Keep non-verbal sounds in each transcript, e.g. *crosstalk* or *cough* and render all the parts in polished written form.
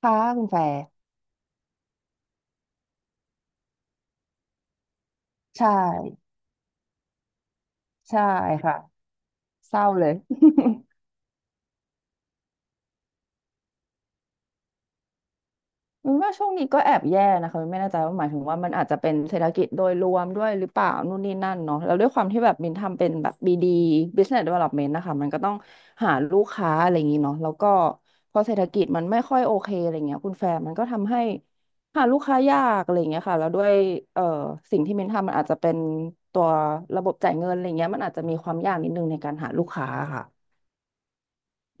ค่ะคุณแฟร์ใช่ใช่ค่ะเศร้าเลย *laughs* มินว่าช่วงนี้ก็แอบแย่นะคะมินไม่แน่ใจว่าหมายถึงว่ามันอาจจะเป็นเศรษฐกิจโดยรวมด้วยหรือเปล่านู่นนี่นั่นเนาะแล้วด้วยความที่แบบมินทำเป็นแบบบีดี Business Development นะคะมันก็ต้องหาลูกค้าอะไรอย่างนี้เนาะแล้วก็พอเศรษฐกิจมันไม่ค่อยโอเคอะไรเงี้ยคุณแฟร์มันก็ทำให้หาลูกค้ายากอะไรเงี้ยค่ะแล้วด้วยเอ่อสิ่งที่มินทำมันอาจจะเป็นตัวระบบจ่ายเงินอะไรเงี้ยมันอาจจะมีความยากนิดนึงในการหาลูกค้าค่ะ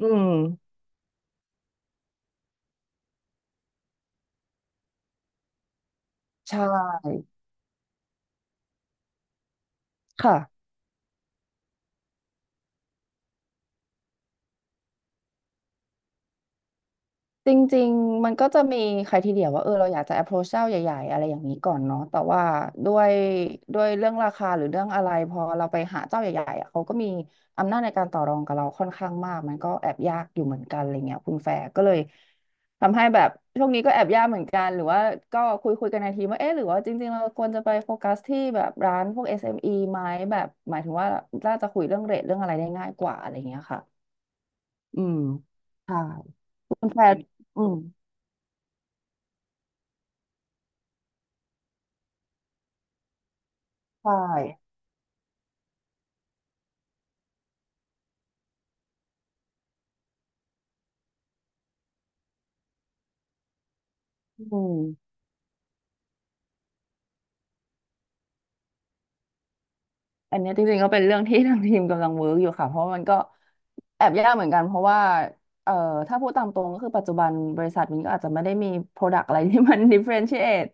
อืม ใช่ค่ะจริงๆมันก็จะมีใครทีเดียวว่าเออเราอยากจะ approach เจ้าใหญ่ๆอะไรอย่างนี้ก่อนเนาะแต่ว่าด้วยด้วยเรื่องราคาหรือเรื่องอะไรพอเราไปหาเจ้าใหญ่ๆอะเขาก็มีอำนาจในการต่อรองกับเราค่อนข้างมากมันก็แอบยากอยู่เหมือนกันอะไรเงี้ยคุณแฟร์ก็เลยทำให้แบบช่วงนี้ก็แอบยากเหมือนกันหรือว่าก็คุยคุยกันในทีมว่าเอ๊ะหรือว่าจริงๆเราควรจะไปโฟกัสที่แบบร้านพวก SME ไหมแบบหมายถึงว่าน่าจะคุยเรื่องเรทเรื่องอะไรได้ง่ายกว่าอะไรเงี้ยค่ะอืมใช่ คุณแฟนอืมใช่อืม อันเนี้ยจริงๆก็เป็นเรื่องที่ *laughs* ทางทีมกำลังเวิร์กอยู่ค่ะเพราะมันก็แอบยากเหมือนกันเพราะว่าเอ่อถ้าพูดตามตรงก็คือปัจจุบันบริษัทมันก็อาจจะไม่ได้มี Product อะไรที่มัน *laughs* differentiate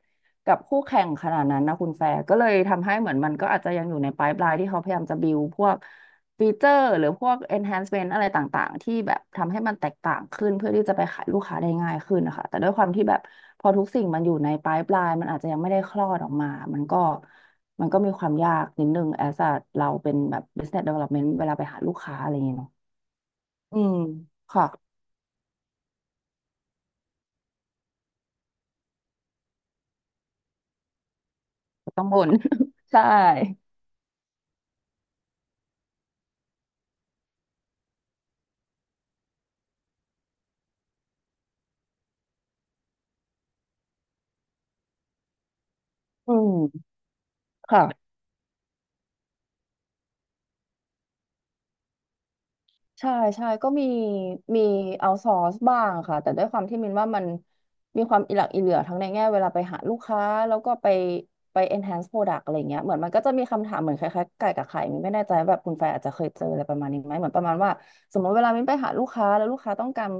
กับคู่แข่งขนาดนั้นนะคุณแฟร์ก็เลยทำให้เหมือนมันก็อาจจะยังอยู่ใน pipeline ที่เขาพยายามจะ build พวกฟีเจอร์หรือพวก enhancement อะไรต่างๆที่แบบทำให้มันแตกต่างขึ้นเพื่อที่จะไปขายลูกค้าได้ง่ายขึ้นนะคะแต่ด้วยความที่แบบพอทุกสิ่งมันอยู่ใน pipeline มันอาจจะยังไม่ได้คลอดออกมามันก็ มันก็มีความยากนิดนึงแอสอะเราเป็นแบบ business development เวลาไปหาลูกค้าอะไรอย่างเงี้ยเนาะอืม ค่ะต้องบ่น *laughs* ใช่ อืม ค่ะ ใช่ใช่ก็มีเอาซอสบ้างค่ะแต่ด้วยความที่มินว่ามันมีความอิหลักอิเหลือทั้งในแง่เวลาไปหาลูกค้าแล้วก็ไปไป enhance product อะไรเงี้ยเหมือนมันก็จะมีคำถามเหมือนคล้ายๆไก่กับไข่มินไม่แน่ใจว่าแบบคุณแฟร์อาจจะเคยเจออะไรประมาณนี้ไหมเหมือนประมาณว่าสมมติเวลามินไปหาลูกค้าแล้วลูกค้าต้องการ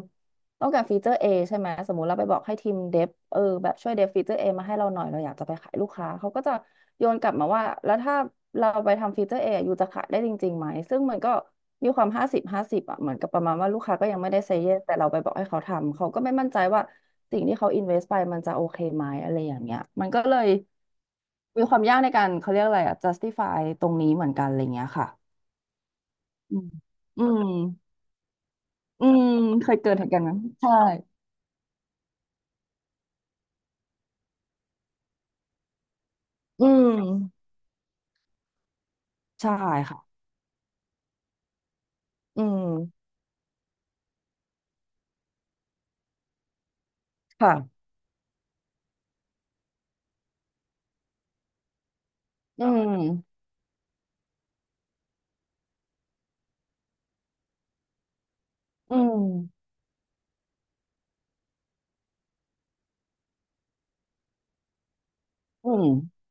ต้องการฟีเจอร์ A ใช่ไหมสมมติเราไปบอกให้ทีมเดฟเออแบบช่วยเดฟฟีเจอร์ A มาให้เราหน่อยเราอยากจะไปขายลูกค้าเขาก็จะโยนกลับมาว่าแล้วถ้าเราไปทำฟีเจอร์ A ออยู่จะขายได้จริงๆไหมซึ่งมันก็ มีความห้าสิบห้าสิบอะเหมือนกับประมาณว่าลูกค้าก็ยังไม่ได้เซย์เยสแต่เราไปบอกให้เขาทำเขาก็ไม่มั่นใจว่าสิ่งที่เขาอินเวสไปมันจะโอเคไหมอะไรอย่างเงี้ยมันก็เลยมีความยากในการเขาเรียกอะไรอ่ะ justify ตรงนี้เหมือนกันอะไรเงี้ยค่ะอืมอืมอืมเคยเกิดเหตุการณ์นั้นใช่อืมใช่ค่ะอืมค่ะอืมอืมอืม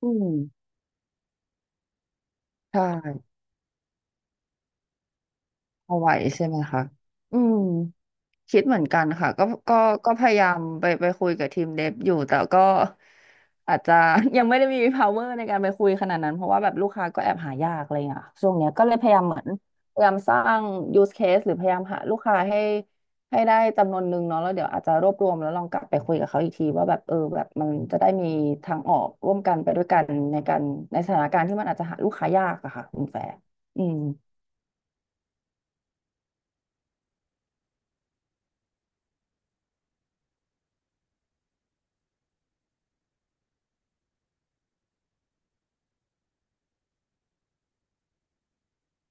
อืมใช่เอาไหวใช่ไหมคะอืม คิดเหมือนกันค่ะก็ก็พยายามไปคุยกับทีมเดฟอยู่แต่ก็อาจจะ *laughs* ยังไม่ได้มี power ในการไปคุยขนาดนั้นเพราะว่าแบบลูกค้าก็แอบหายากอะไรอย่างเงี้ยช่วงเนี้ยก็เลยพยายามเหมือนพยายามสร้าง use case หรือพยายามหาลูกค้าให้ได้จำนวนหนึ่งเนาะแล้วเดี๋ยวอาจจะรวบรวมแล้วลองกลับไปคุยกับเขาอีกทีว่าแบบเออแบบมันจะได้มีทางออกร่วมกันไปด้วยกันในการในสถานการณ์ที่มันอาจจะหาลูกค้ายากอะค่ะคุณแฟร์อืม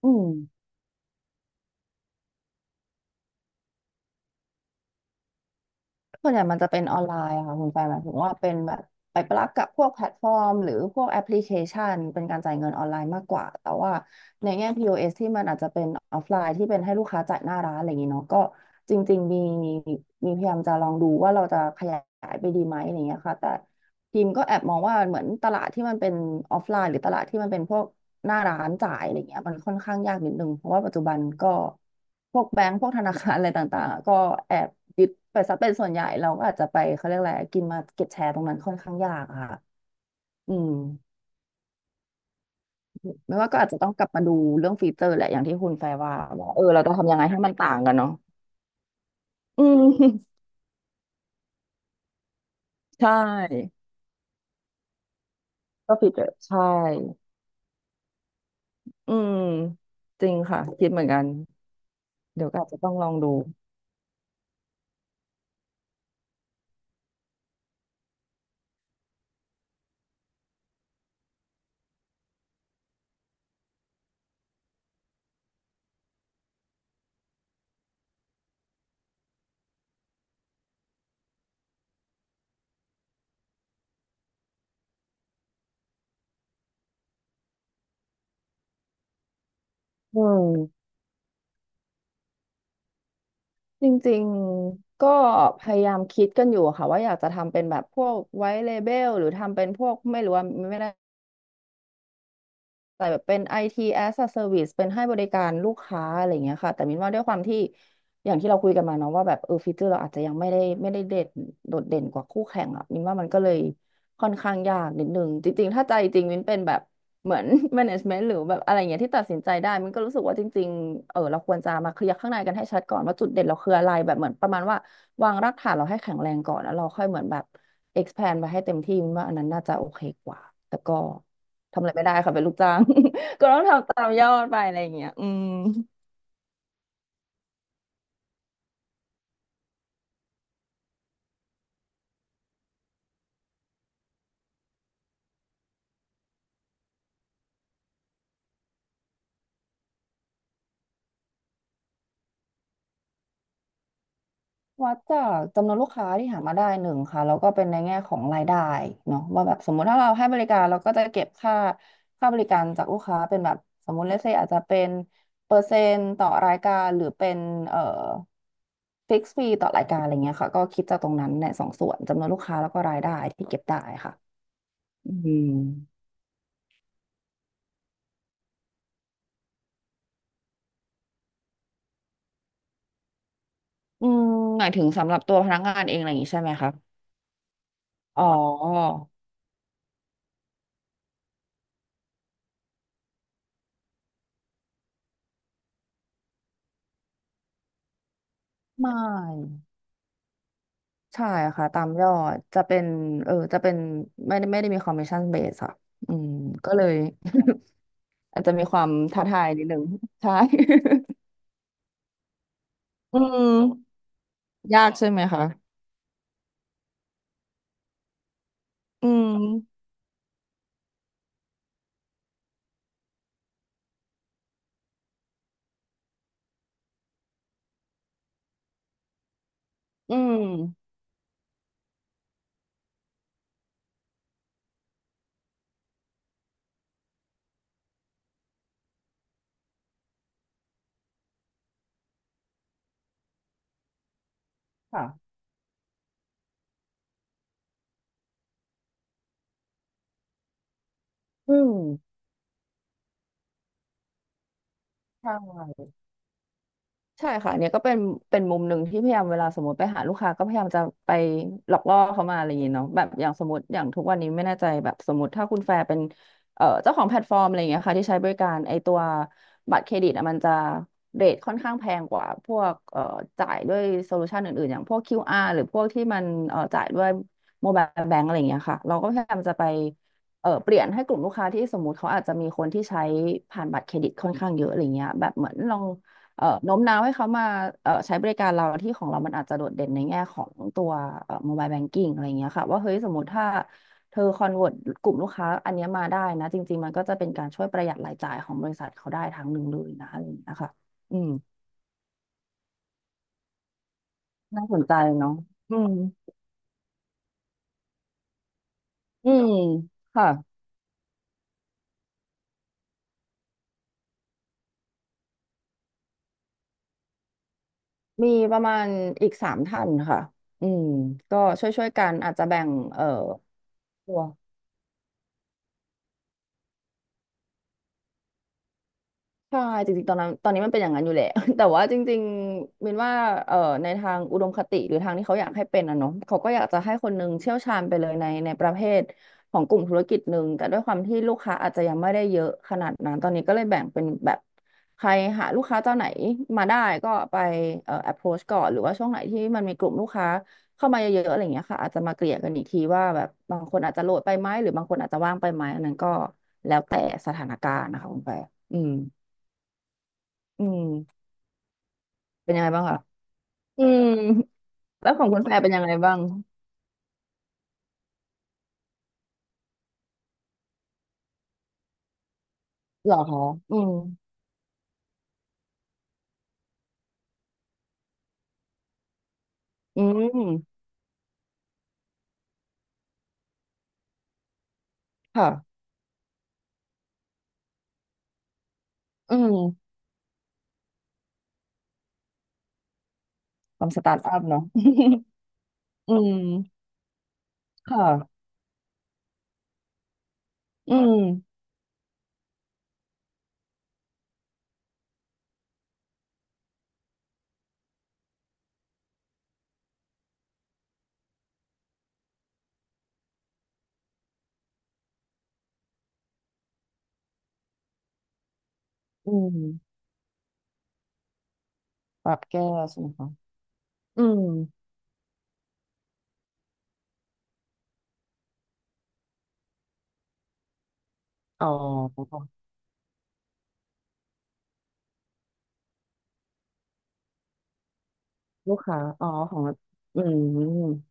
อืม ส่วนใหญ่มันจะเป็นออนไลน์อะค่ะคุณแฟนหมายถึงว่าเป็นแบบไปปลักกับพวกแพลตฟอร์มหรือพวกแอปพลิเคชันเป็นการจ่ายเงินออนไลน์มากกว่าแต่ว่าในแง่ POS ที่มันอาจจะเป็นออฟไลน์ที่เป็นให้ลูกค้าจ่ายหน้าร้านอะไรอย่างนี้เนาะก็จริงๆมีพยายามจะลองดูว่าเราจะขยายไปดีไหมอะไรอย่างเงี้ยค่ะแต่ พิมก็แอบมองว่าเหมือนตลาดที่มันเป็นออฟไลน์หรือตลาดที่มันเป็นพวกหน้าร้านจ่ายอะไรเงี้ยมันค่อนข้างยากนิดนึงเพราะว่าปัจจุบันก็พวกแบงก์พวกธนาคารอะไรต่างๆอะก็แอบยึดไปซะเป็นส่วนใหญ่เราก็อาจจะไปเขาเรียกอะไรกินมาเก็ตแชร์ตรงนั้นค่อนข้างยากอะค่ะอืมไม่ว่าก็อาจจะต้องกลับมาดูเรื่องฟีเจอร์แหละอย่างที่คุณแฟร์ว่าว่าเออเราจะทำยังไงให้มันต่างกันเนาะ *laughs* อืม *laughs* ใช่ก็ฟีเจอร์ใช่อืมจริงค่ะคิดเหมือนกันเดี๋ยวก็อาจจะต้องลองดูอืม จริงๆ ก็พยายามคิดกันอยู่ค่ะว่าอยากจะทำเป็นแบบพวกไวท์เลเบลหรือทำเป็นพวกไม่รู้ว่าไม่แน่ แต่แบบเป็น IT as a service เป็นให้บริการลูกค้าอะไรอย่างเงี้ยค่ะแต่มินว่าด้วยความที่อย่างที่เราคุยกันมาเนาะว่าแบบเออฟีเจอร์เราอาจจะยังไม่ได้เด่นโดดเด่นกว่าคู่แข่งอ่ะมินว่ามันก็เลยค่อนข้างยากนิดนึงจริงๆถ้าใจจริงมินเป็นแบบเหมือน *laughs* management หรือแบบอะไรอย่างเงี้ยที่ตัดสินใจได้มินก็รู้สึกว่าจริงๆเออเราควรจะมาเคลียร์ข้างในกันให้ชัดก่อนว่าจุดเด่นเราคืออะไรแบบเหมือนประมาณว่าวางรากฐานเราให้แข็งแรงก่อนแล้วเราค่อยเหมือนแบบ expand ไปให้เต็มที่มินว่าอันนั้นน่าจะโอเคกว่าแต่ก็ ทำอะไรไม่ได้ค่ะเป็นลูกจ้าง *laughs* ก็ต้องทำตามยอดไปอะไรอย่างเงี้ยอืมวัดจากจำนวนลูกค้าที่หามาได้หนึ่งค่ะแล้วก็เป็นในแง่ของรายได้เนาะว่าแบบสมมุติถ้าเราให้บริการเราก็จะเก็บค่าบริการจากลูกค้าเป็นแบบสมมุติเลเซอาจจะเป็นเปอร์เซ็นต์ต่อรายการหรือเป็นเอ่อฟิกซ์ฟรีต่อรายการอะไรเงี้ยค่ะก็คิดจากตรงนั้นในสองส่วนจำนวนลูกค้าแล้วก็รายได้ที่เก็บได้ค่ะอืมอืมหมายถึงสำหรับตัวพนักงานเองอะไรอย่างงี้ใช่ไหมคะอ๋อ ไม่ใช่ค่ะตามยอดจะเป็นเออจะเป็นไม่ได้มีคอมมิชชั่นเบสอะอืมก็เลย *laughs* อาจจะมีความท้าทายนิดนึงใช่ *laughs* อืม *laughs* ยากใช่ไหมคะอืมอืมค่ะอืมใช่ ใช่ค่ะเนี่ยก็เป็นมุมหนึ่งที่พยายามเวลาสมมติไปหาลูกค้าก็พยายามจะไปหลอกล่อเขามาอะไรอย่างเงี้ยเนาะแบบอย่างสมมติอย่างทุกวันนี้ไม่แน่ใจแบบสมมติถ้าคุณแฟร์เป็นเจ้าของแพลตฟอร์มอะไรอย่างเงี้ยค่ะที่ใช้บริการไอตัวบัตรเครดิตอะมันจะเรทค่อนข้างแพงกว่าพวกจ่ายด้วยโซลูชันอื่นๆอย่างพวก QR หรือพวกที่มันจ่ายด้วยโมบายแบงก์อะไรอย่างเงี้ยค่ะเราก็พยายามจะไปเออเปลี่ยนให้กลุ่มลูกค้าที่สมมติเขาอาจจะมีคนที่ใช้ผ่านบัตรเครดิตค่อนข้างเยอะอะไรเงี้ยแบบเหมือนลอง โน้มน้าวให้เขามาใช้บริการเราที่ของเรามันอาจจะโดดเด่นในแง่ของตัวmobile banking อะไรอย่างเงี้ยค่ะว่าเฮ้ยสมมติถ้าเธอคอนเวิร์ตกลุ่มลูกค้าอันเนี้ยมาได้นะจริงๆมันก็จะเป็นการช่วยประหยัดรายจ่ายของบริษัทเขาได้ทางหนึ่งเลยนะอะไรอย่างเงี้ยค่ะอืมน่าสนใจเนาะอืมอืมค่ะมีประมาณอีก3 ท่านค่ะอืมก็ช่วยๆกันอาจจะแบ่งใช่จริงๆตอนนั้นตอนนี้มันเป็นอย่างนั้นอยู่แหละ *laughs* แต่ว่าจริงๆมินว่าเอ่อในทางอุดมคติหรือทางที่เขาอยากให้เป็นอะเนาะเขาก็อยากจะให้คนหนึงเชี่ยวชาญไปเลยในประเภทของกลุ่มธุรกิจหนึ่งแต่ด้วยความที่ลูกค้าอาจจะยังไม่ได้เยอะขนาดนั้นตอนนี้ก็เลยแบ่งเป็นแบบใครหาลูกค้าเจ้าไหนมาได้ก็ไปapproach ก่อนหรือว่าช่วงไหนที่มันมีกลุ่มลูกค้าเข้ามาเยอะๆอะไรอย่างเงี้ยค่ะอาจจะมาเกลี่ยกันอีกทีว่าแบบบางคนอาจจะโหลดไปไหมหรือบางคนอาจจะว่างไปไหมอันนั้นก็แล้วแต่สถานการณ์นะคะคุณแปอืม อืมเป็นยังไงบ้างคะอืมแล้วของคุณแฟนเป็นยังไงบ้างเหรอคะอืมอืมค่ะอืมความสตาร์ทอัพเนาะ *laughs* อืมค่ะอืมอืมปรับแก้ใช่ไหมคะอืมอ๋อลูกค้าอ๋อของอืม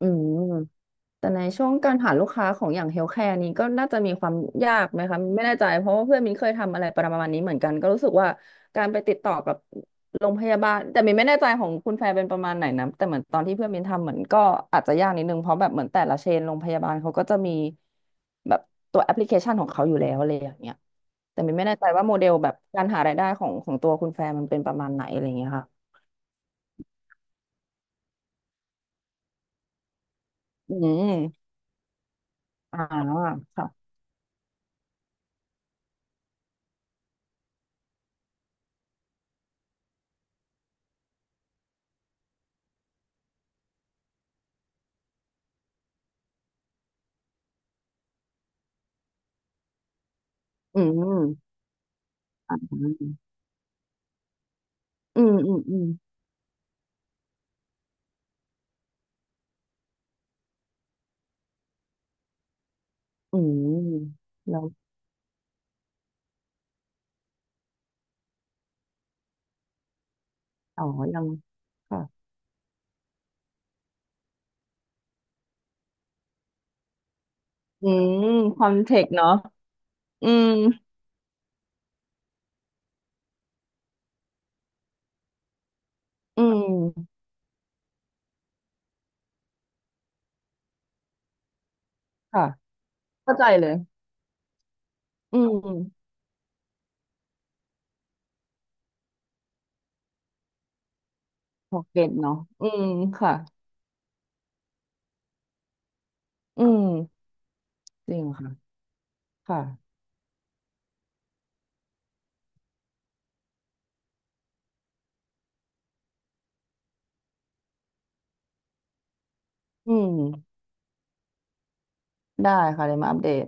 อืม แต่ในช่วงการหาลูกค้าของอย่างเฮลท์แคร์นี้ก็น่าจะมีความยากไหมคะไม่แน่ใจเพราะว่าเพื่อนมินเคยทำอะไรประมาณนี้เหมือนกันก็รู้สึกว่าการไปติดต่อกับโรงพยาบาลแต่มินไม่แน่ใจของคุณแฟร์เป็นประมาณไหนนะแต่เหมือนตอนที่เพื่อนมินทำเหมือนก็อาจจะยากนิดนึงเพราะแบบเหมือนแต่ละเชนโรงพยาบาลเขาก็จะมีแบบตัวแอปพลิเคชันของเขาอยู่แล้วอะไรอย่างเงี้ยแต่มินไม่แน่ใจว่าโมเดลแบบการหารายได้ของตัวคุณแฟร์มันเป็นประมาณไหนอะไรอย่างเงี้ยค่ะอืมอ่าค่ะอืมอืมอืมอืม อืมแล้วอ๋อยังค่ะอืมคอนเทกต์เนาะอืมอืมค่ะเข้าใจเลยอืมพอเก็ตเนาะอืมค่ะอืมจริงค่ะค่ะอืมได้ค่ะเดี๋ยวมาอัปเดต